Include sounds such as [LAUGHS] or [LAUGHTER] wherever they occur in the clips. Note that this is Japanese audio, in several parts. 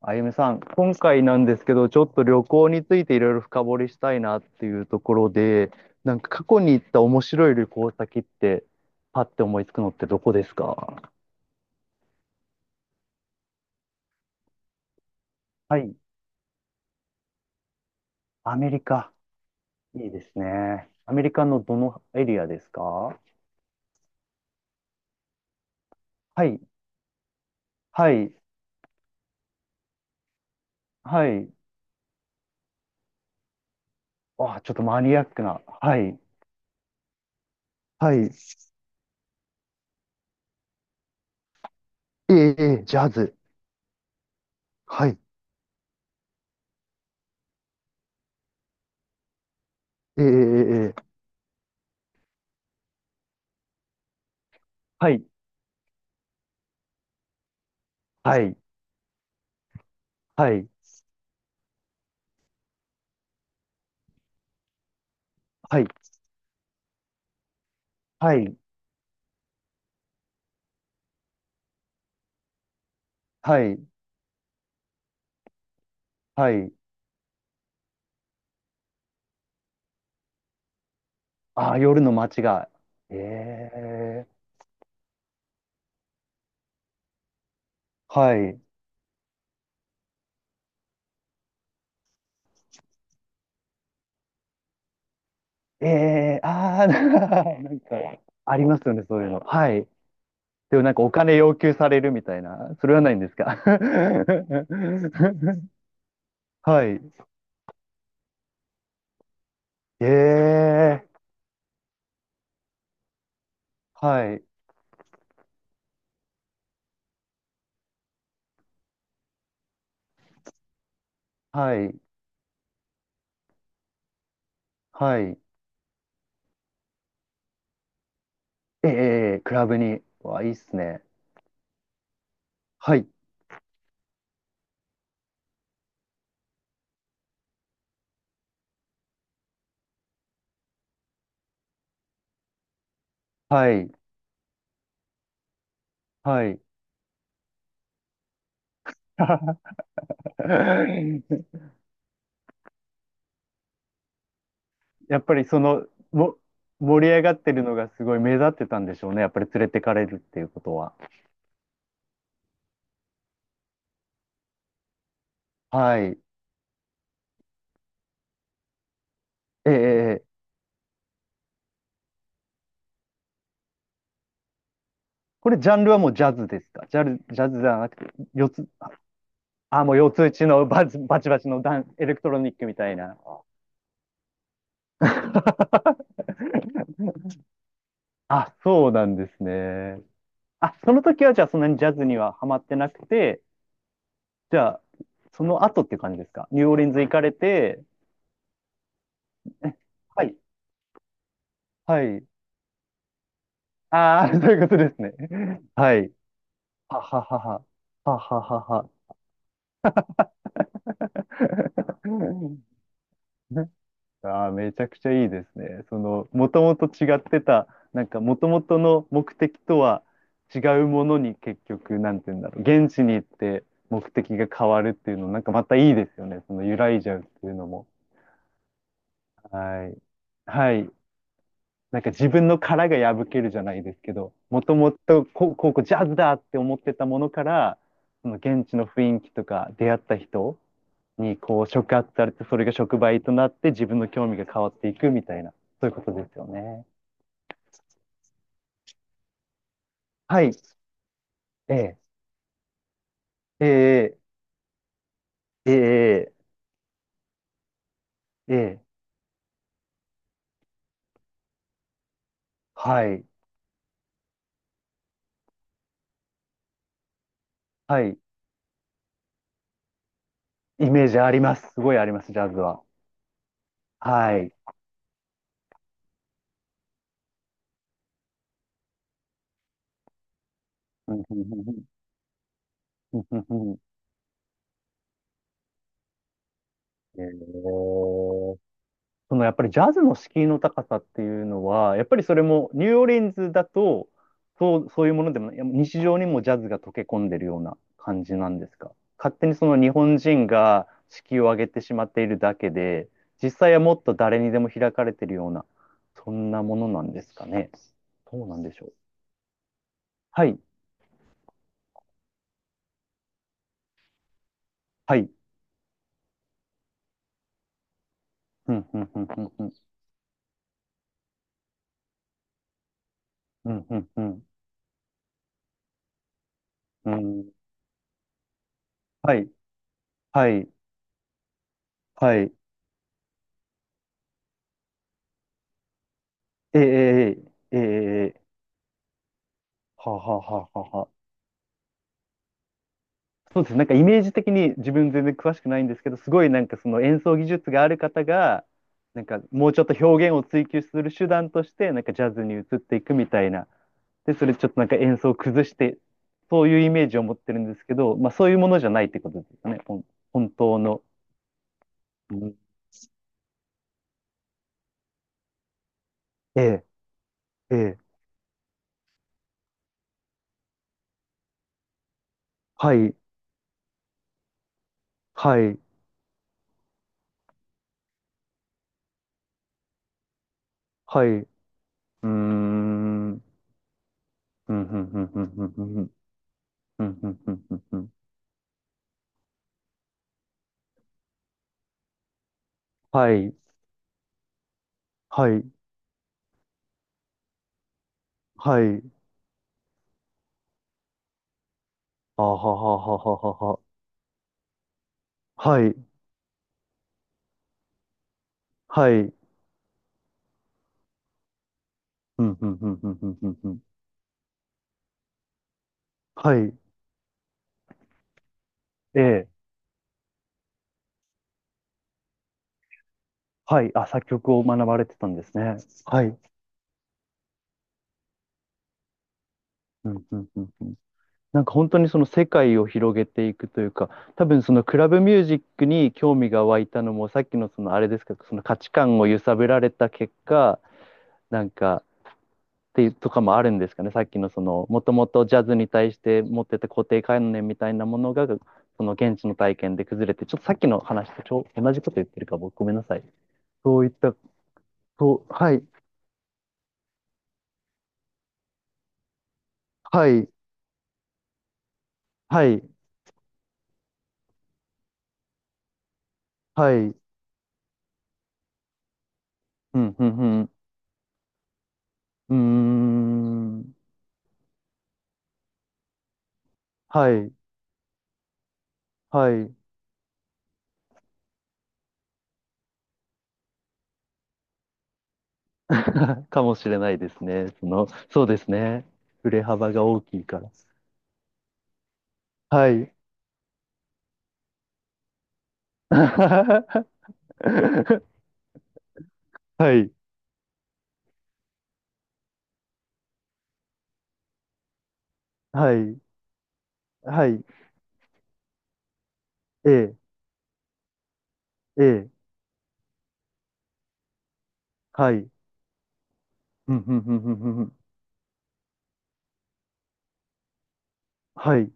あゆみさん、今回なんですけど、ちょっと旅行についていろいろ深掘りしたいなっていうところで、なんか過去に行った面白い旅行先って、パッて思いつくのってどこですか？はい、アメリカ。いいですね。アメリカのどのエリアですか？はい、はい、はい。あ、ちょっとマニアックな。はい、はい。ええ、ええ、ジャズ。はい、ええ、ええ、ええ、はい、はい、はい、はい、はい、はい、はい。ああ、夜の街が。ええ、はい。ええ、ああ、[LAUGHS] なんか、ありますよね、そういうの。はい。でもなんかお金要求されるみたいな、それはないんですか？ [LAUGHS] はい。ええ、はい。はい。はい。ええ、クラブに。わ、いいっすね。はい。はい。はい。[LAUGHS] やっぱりその、も、盛り上がってるのがすごい目立ってたんでしょうね。やっぱり連れてかれるっていうことは。はい。ええええ、これジャンルはもうジャズですか？ジャズじゃなくて、四つ、あ、もう四つ打ちのバチバチバチのダン、エレクトロニックみたいな。[LAUGHS] あ、そうなんですね。あ、その時はじゃあそんなにジャズにはハマってなくて、じゃあ、その後って感じですか？ニューオーリンズ行かれて、え、はい、はい。ああ、[LAUGHS] そういうことですね。はい。はははは。はははは。[LAUGHS] ああ、めちゃくちゃいいですね。その、もともと違ってた、なんか、もともとの目的とは違うものに結局、なんて言うんだろう、現地に行って目的が変わるっていうの、なんかまたいいですよね。その、揺らいじゃうっていうのも。はい。はい。なんか自分の殻が破けるじゃないですけど、もともとこうジャズだって思ってたものから、その現地の雰囲気とか出会った人にこう触発されて、それが触媒となって自分の興味が変わっていくみたいな、そういうことですよね。はい。ええ、ええ、ええ、ええ、はい。はい。イメージあります。すごいあります、ジャズは。はい。うんうんうんうんうんうんうん、ええ。 [LAUGHS] そのやっぱりジャズの敷居の高さっていうのは、やっぱりそれもニューオーリンズだと、そう、そういうものでもない、いや日常にもジャズが溶け込んでるような感じなんですか？勝手にその日本人が敷居を上げてしまっているだけで、実際はもっと誰にでも開かれてるような、そんなものなんですかね。そうなんでしょう。はい、はい。うん、うん、うん、うん、うん、うん、うんうん、うん。はい、はい、はい。ええ、ええ、ええ、ええ、ははははは、そうです。なんかイメージ的に自分全然詳しくないんですけど、すごいなんかその演奏技術がある方が、なんかもうちょっと表現を追求する手段として、なんかジャズに移っていくみたいな。で、それちょっとなんか演奏を崩して、そういうイメージを持ってるんですけど、まあそういうものじゃないってことですよね。本当の。うん、ええ、ええ、はい、はい、はい。うーん。うんうんうんうんうんうんうんうんうんうん、うん、はい、はい、はい。あはははははは。はい。はい。うん、うん、うん、うん、うん、うん。うん、はい。ええ。はい。あ、作曲を学ばれてたんですね。はい。うん、うん、うん、うん。なんか本当にその世界を広げていくというか、多分そのクラブミュージックに興味が湧いたのも、さっきのそのあれですけど、その価値観を揺さぶられた結果、なんか、っていうとかもあるんですかね。さっきのその、もともとジャズに対して持ってた固定観念みたいなものが、その現地の体験で崩れて、ちょっとさっきの話と同じこと言ってるか、僕ごめんなさい。そういったと、はい、はい、はい、はい、うん、うん、うん、うーん、はい、はい、[LAUGHS] かもしれないですね。その、そうですね。振れ幅が大きいから。はい。[LAUGHS] はい、はい、はい、ええ、ええ、はい、うん、うん、うん、うん、うんうん、はい。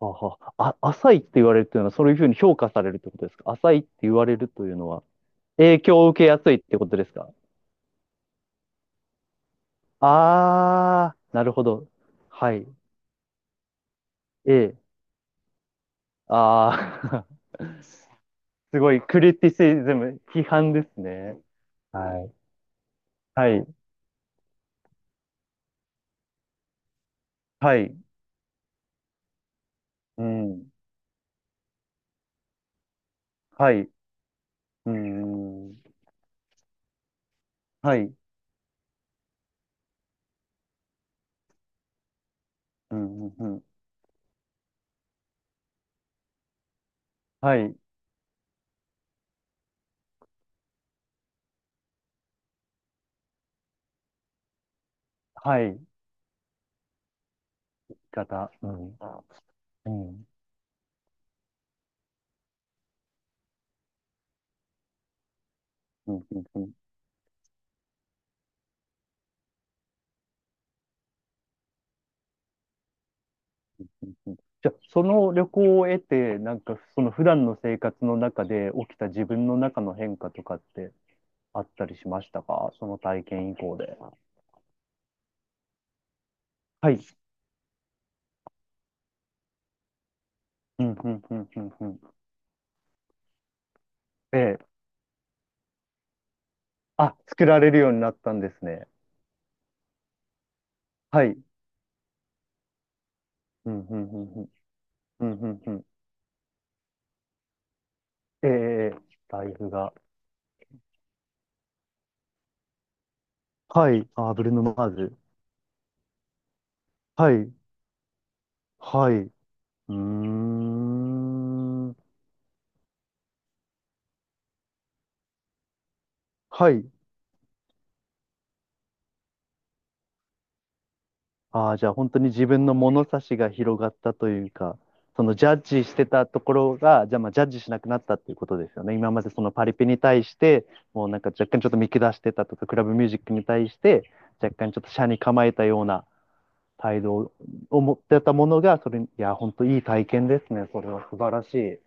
はは、あ、浅いって言われるというのは、そういうふうに評価されるってことですか？浅いって言われるというのは、影響を受けやすいってことですか？あー、なるほど。はい。ええ。あー、[LAUGHS] すごい、クリティシズム、批判ですね。はい。はい。はい。うん。はい。うん。はい。うん。うん。はい。はい。方。うん。うん。うん。うん。うん。うん、じゃあ、その旅行を得て、なんか、その普段の生活の中で起きた自分の中の変化とかってあったりしましたか？その体験以降で。はい。うんうんうんうんうん、ええ。あ、作られるようになったんですね。はい。うんうんうんうん。うんうんうん。ええ、ええ、ライフが。はい。あ、ブルーノ・マーズ。はい。はい。うーん。はい。ああ、じゃあ本当に自分の物差しが広がったというか、そのジャッジしてたところが、じゃあまあジャッジしなくなったっていうことですよね。今までそのパリピに対して、もうなんか若干ちょっと見下してたとか、クラブミュージックに対して、若干ちょっと斜に構えたような態度を持ってたものが、それ、いや、本当いい体験ですね。それは素晴らしい。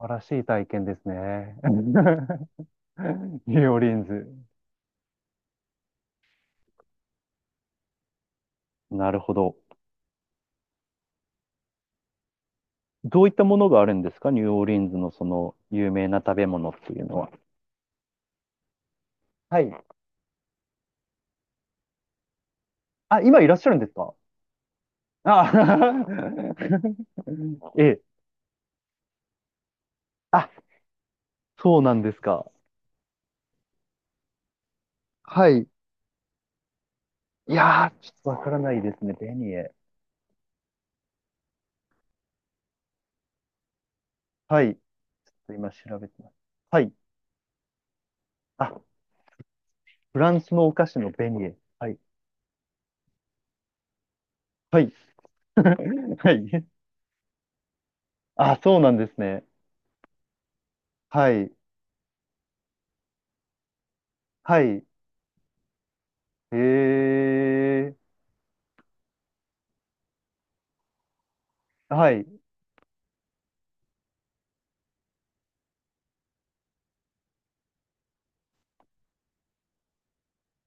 素晴らしい体験ですね。[LAUGHS] ニューオーリンズ。なるほど。どういったものがあるんですか？ニューオーリンズのその有名な食べ物っていうのは。はい。あ、今いらっしゃるんですか？あ、 [LAUGHS] ええ。あ、そうなんですか。はい。いやー、ちょっとわからないですね。ベニエ。はい。今調べてます。はい。あ、フランスのお菓子のベニエ。はい。はい。[LAUGHS] はい。あ、そうなんですね。はい。はい。ええ、はい。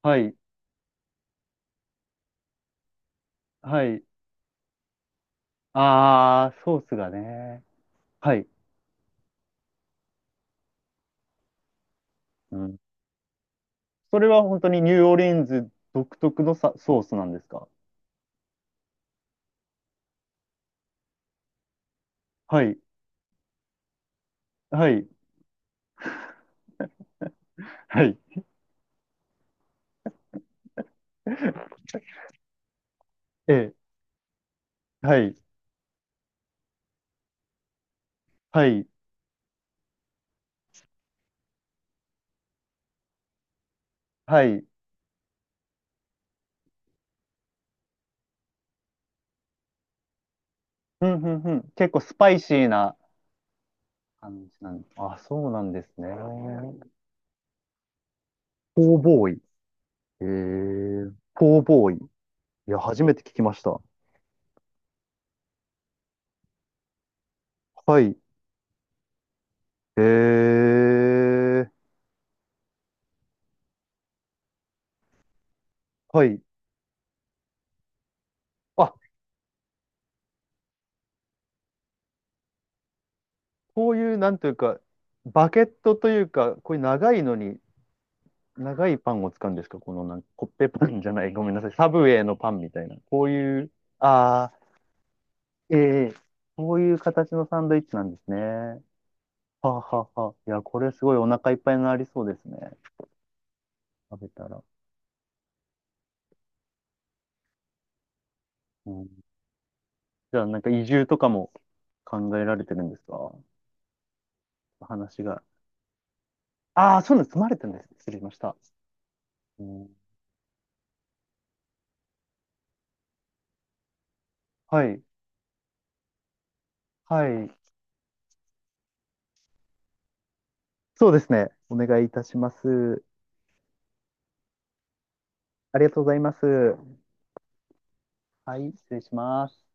はい。はい。あー、ソースがね。はい。うん。それは本当にニューオーリンズ独特のさ、ソースなんですか？はい。はい。はい。[LAUGHS] ええ。はい。はい。はい。うん、うん、うん。結構スパイシーな感じなんです？あ、そうなんですね。ポーボーイ。ええ、ポーボーイ。いや、初めて聞きました。はい。えー、はい。あ、こういう、なんというか、バケットというか、こういう長いのに、長いパンを使うんですか？このなんか、コッペパンじゃない、ごめんなさい。サブウェイのパンみたいな。こういう、あー、えー、そういう形のサンドイッチなんですね。はあはあはあ。いや、これすごいお腹いっぱいになりそうですね。食べたら。うん、じゃあ、なんか移住とかも考えられてるんですか？話が。ああ、そういうの積まれてるんです。失礼しました。うん、はい。はい。そうですね。お願いいたします。ありがとうございます。はい、失礼します。